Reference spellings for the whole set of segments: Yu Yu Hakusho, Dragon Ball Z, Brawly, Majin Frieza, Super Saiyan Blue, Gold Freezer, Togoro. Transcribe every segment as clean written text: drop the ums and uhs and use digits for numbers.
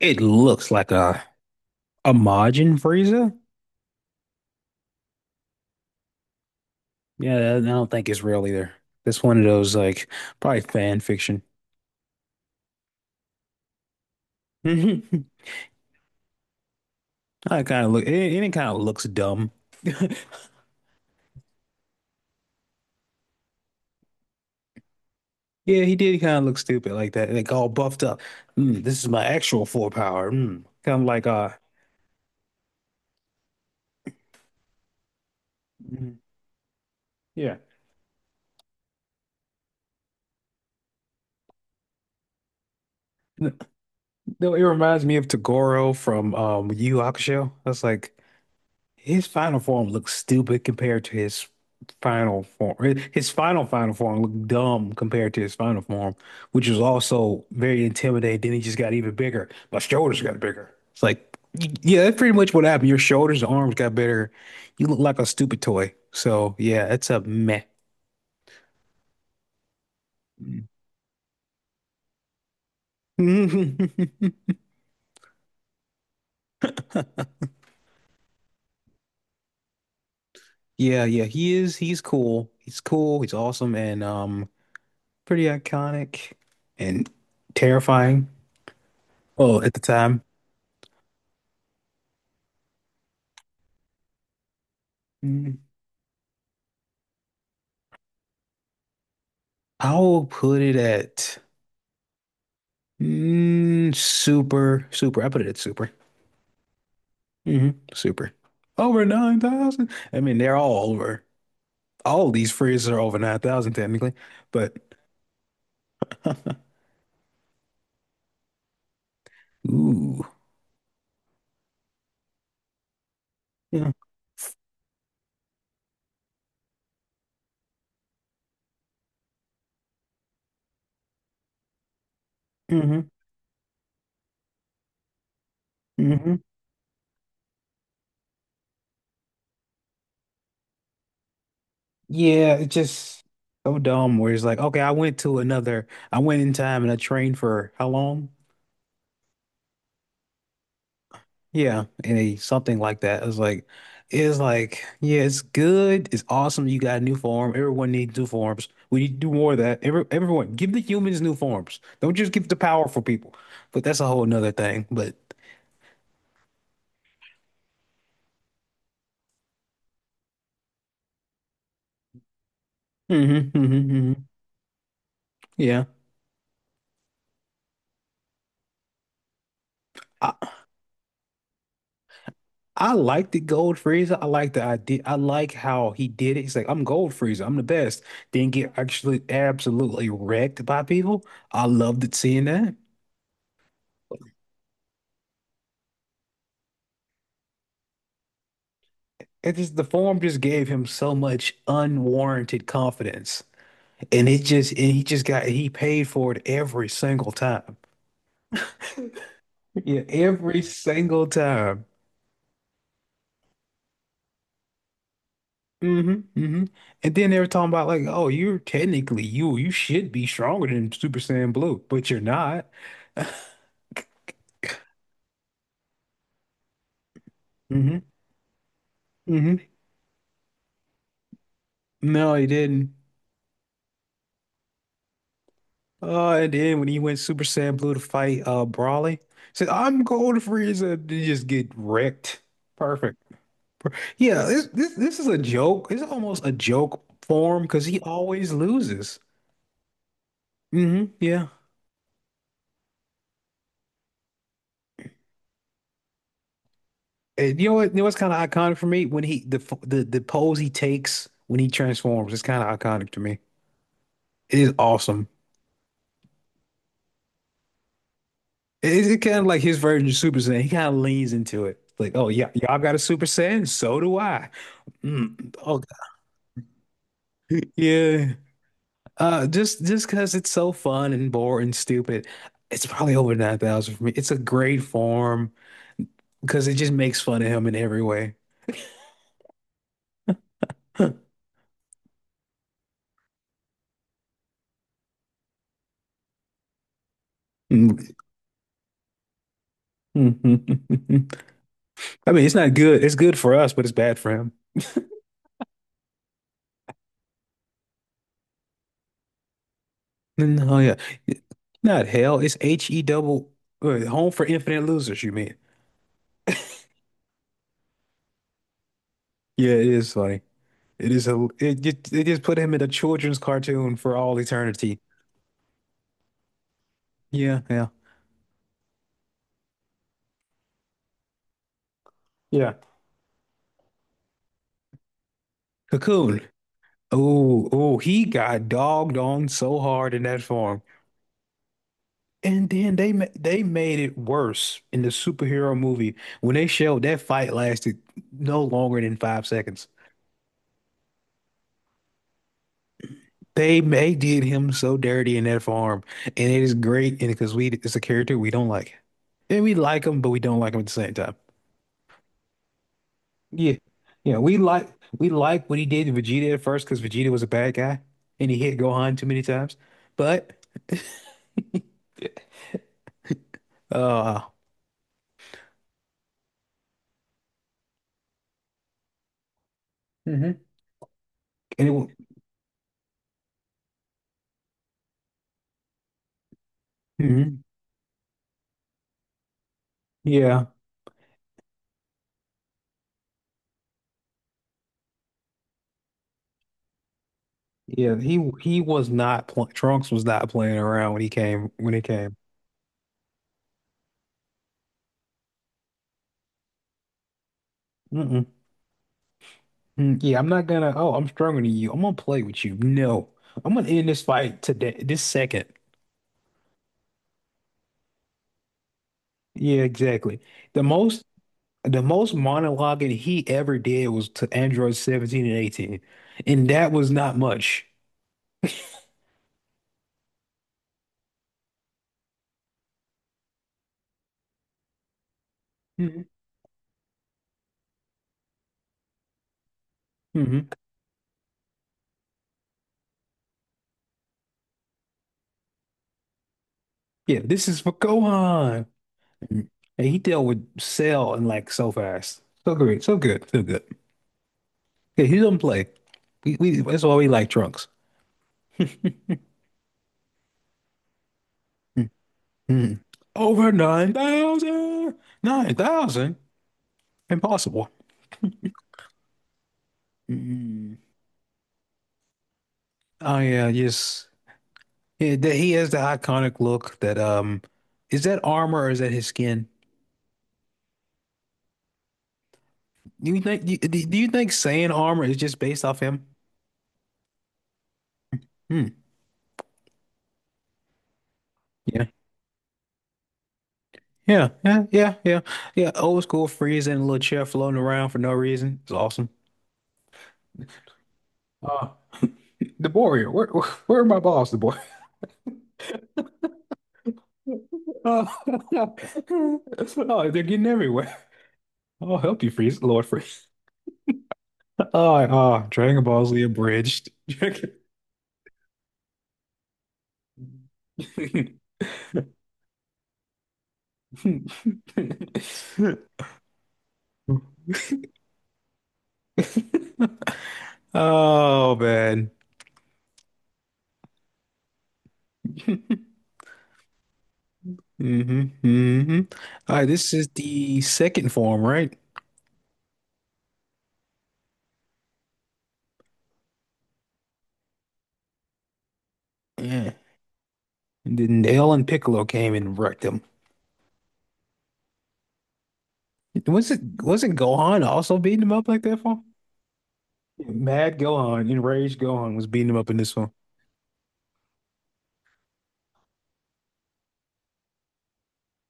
It looks like a Majin Frieza. Yeah, I don't think it's real either. That's one of those, like, probably fan fiction. I kind of look it, it kind of looks dumb. Yeah, he did kind of look stupid like that, like all buffed up. This is my actual full power. Mm. Kind of like mm, yeah. No, it reminds me of Togoro from Yu Yu Hakusho. That's like His final form looks stupid compared to his final form. His final final form looked dumb compared to his final form, which was also very intimidating. Then he just got even bigger. My shoulders got bigger. It's like, yeah, that's pretty much what happened. Your shoulders and arms got bigger. You look like a stupid toy. So yeah, it's a meh. Yeah, yeah, he is. He's cool. He's cool. He's awesome and pretty iconic and terrifying. Well, at the time. Mm-hmm. I will put it at super, super. I put it at super. Super. Over 9,000. I mean, they're all over. All of these phrases are over 9,000 technically, but ooh. Yeah. hmm hmm Yeah, it's just so dumb where it's like, okay, I went in time and I trained for how long? Yeah, and a something like that. It's like, yeah, it's good. It's awesome. You got a new form. Everyone needs new forms. We need to do more of that. Everyone, give the humans new forms. Don't just give the powerful people. But that's a whole nother thing. But mhm, mhm, mhm. Yeah. I, I like the Gold Freezer. I like the idea. I like how he did it. He's like, I'm Gold Freezer. I'm the best. Then get actually absolutely wrecked by people. I loved it seeing that. It just The form just gave him so much unwarranted confidence, and it just and he just got he paid for it every single time. Yeah, every single time. hmm hmm And then they were talking about, like, oh, you're technically you should be stronger than Super Saiyan Blue, but you're not. hmm hmm No, he didn't. Oh, and then when he went Super Saiyan Blue to fight Brawly, said, I'm going to Frieza. They just get wrecked. Perfect. Yeah, this is a joke. It's almost a joke form because he always loses. Hmm, yeah. And you know what? You know what's kind of iconic for me, when he, the f- the pose he takes when he transforms. It's kind of iconic to me. It is awesome. It's it kind of like his version of Super Saiyan. He kind of leans into it. Like, oh yeah, y'all got a Super Saiyan, so do I. Mm, oh God. Yeah. Just because it's so fun and boring and stupid, it's probably over 9,000 for me. It's a great form, because it just makes fun of him in every way. Mm. I mean, it's not good. It's good for us, but it's bad for him. Mm, oh yeah, not hell. It's H E double wait, Home for Infinite Losers, you mean? Yeah, it is funny. It is a. It just they just put him in a children's cartoon for all eternity. Yeah, yeah, yeah. Cocoon. Oh, oh, he got dogged on so hard in that form. And then they made it worse in the superhero movie when they showed that fight lasted no longer than 5 seconds. They did him so dirty in that farm, and it is great, and because we it's a character we don't like, and we like him, but we don't like him at the same time. Yeah, yeah, we like what he did to Vegeta at first because Vegeta was a bad guy and he hit Gohan too many times, but uh, mhm. And it, wa- mhm. Yeah. Yeah, he was not pl Trunks was not playing around when he came. Mm-mm. Mm, yeah, I'm not gonna. Oh, I'm stronger than you. I'm gonna play with you. No, I'm gonna end this fight today, this second. Yeah, exactly. The most the most monologuing he ever did was to Android 17 and 18, and that was not much. Mm-hmm. Mm-hmm. Yeah, this is for Gohan. Mhm. And he dealt with Cell and, like, so fast, so great, so good, so good. Yeah, he doesn't play. We, that's why we like Trunks. Mhm. Over 9,000! 9,000? Impossible. Mm. Oh yeah, yes. Yeah, that he has the iconic look that is that armor or is that his skin? Do you think saying armor is just based off him? Hmm. Yeah. Yeah, yeah, yeah, yeah. Yeah, old school freeze in a little chair floating around for no reason. It's awesome. Uh, the warrior, where are my balls, the boy? Oh, oh, they're getting everywhere. I'll help you freeze, Lord freeze. Oh, oh, Dragon Ball Z abridged. Oh man. hmm hmm All right, this is the second form, right? Yeah. And then Nail and Piccolo came and wrecked him. Wasn't Gohan also beating him up like that for? Mad Gohan, enraged Gohan was beating him up in this one.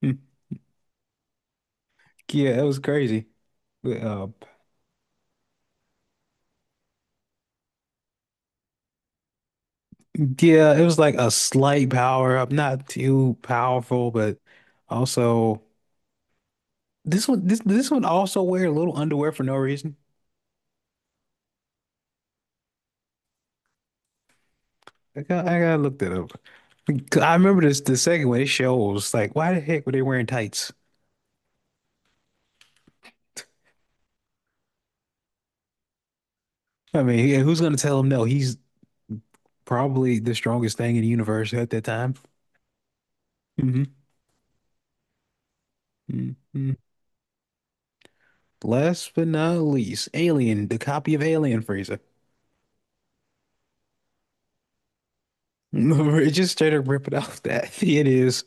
Hmm. Yeah, that was crazy. Uh, Yeah, it was like a slight power up, not too powerful, but also this one also wear a little underwear for no reason. I gotta look that up. 'Cause I remember this the second one, it shows like why the heck were they wearing tights? I mean, yeah, who's gonna tell him no? He's probably the strongest thing in the universe at that time. hmm hmm Last but not least, Alien, the copy of Alien Freezer. It just straight up ripping off that. It is.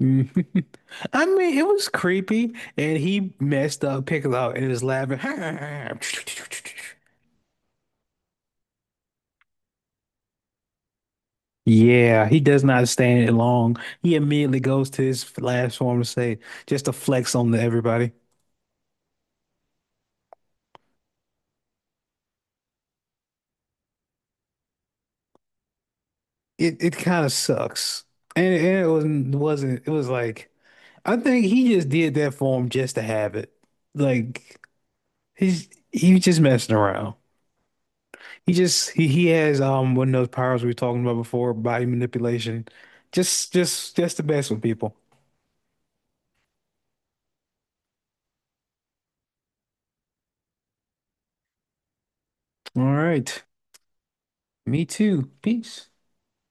Mhm. I mean, it was creepy, and he messed up Piccolo and is laughing. Yeah, he does not stand it long. He immediately goes to his last form to say, just to flex on to everybody. It kind of sucks, and it wasn't it was like I think he just did that for him just to have it. Like he was just messing around. He has one of those powers we were talking about before, body manipulation. Just the best with people. All right. Me too. Peace.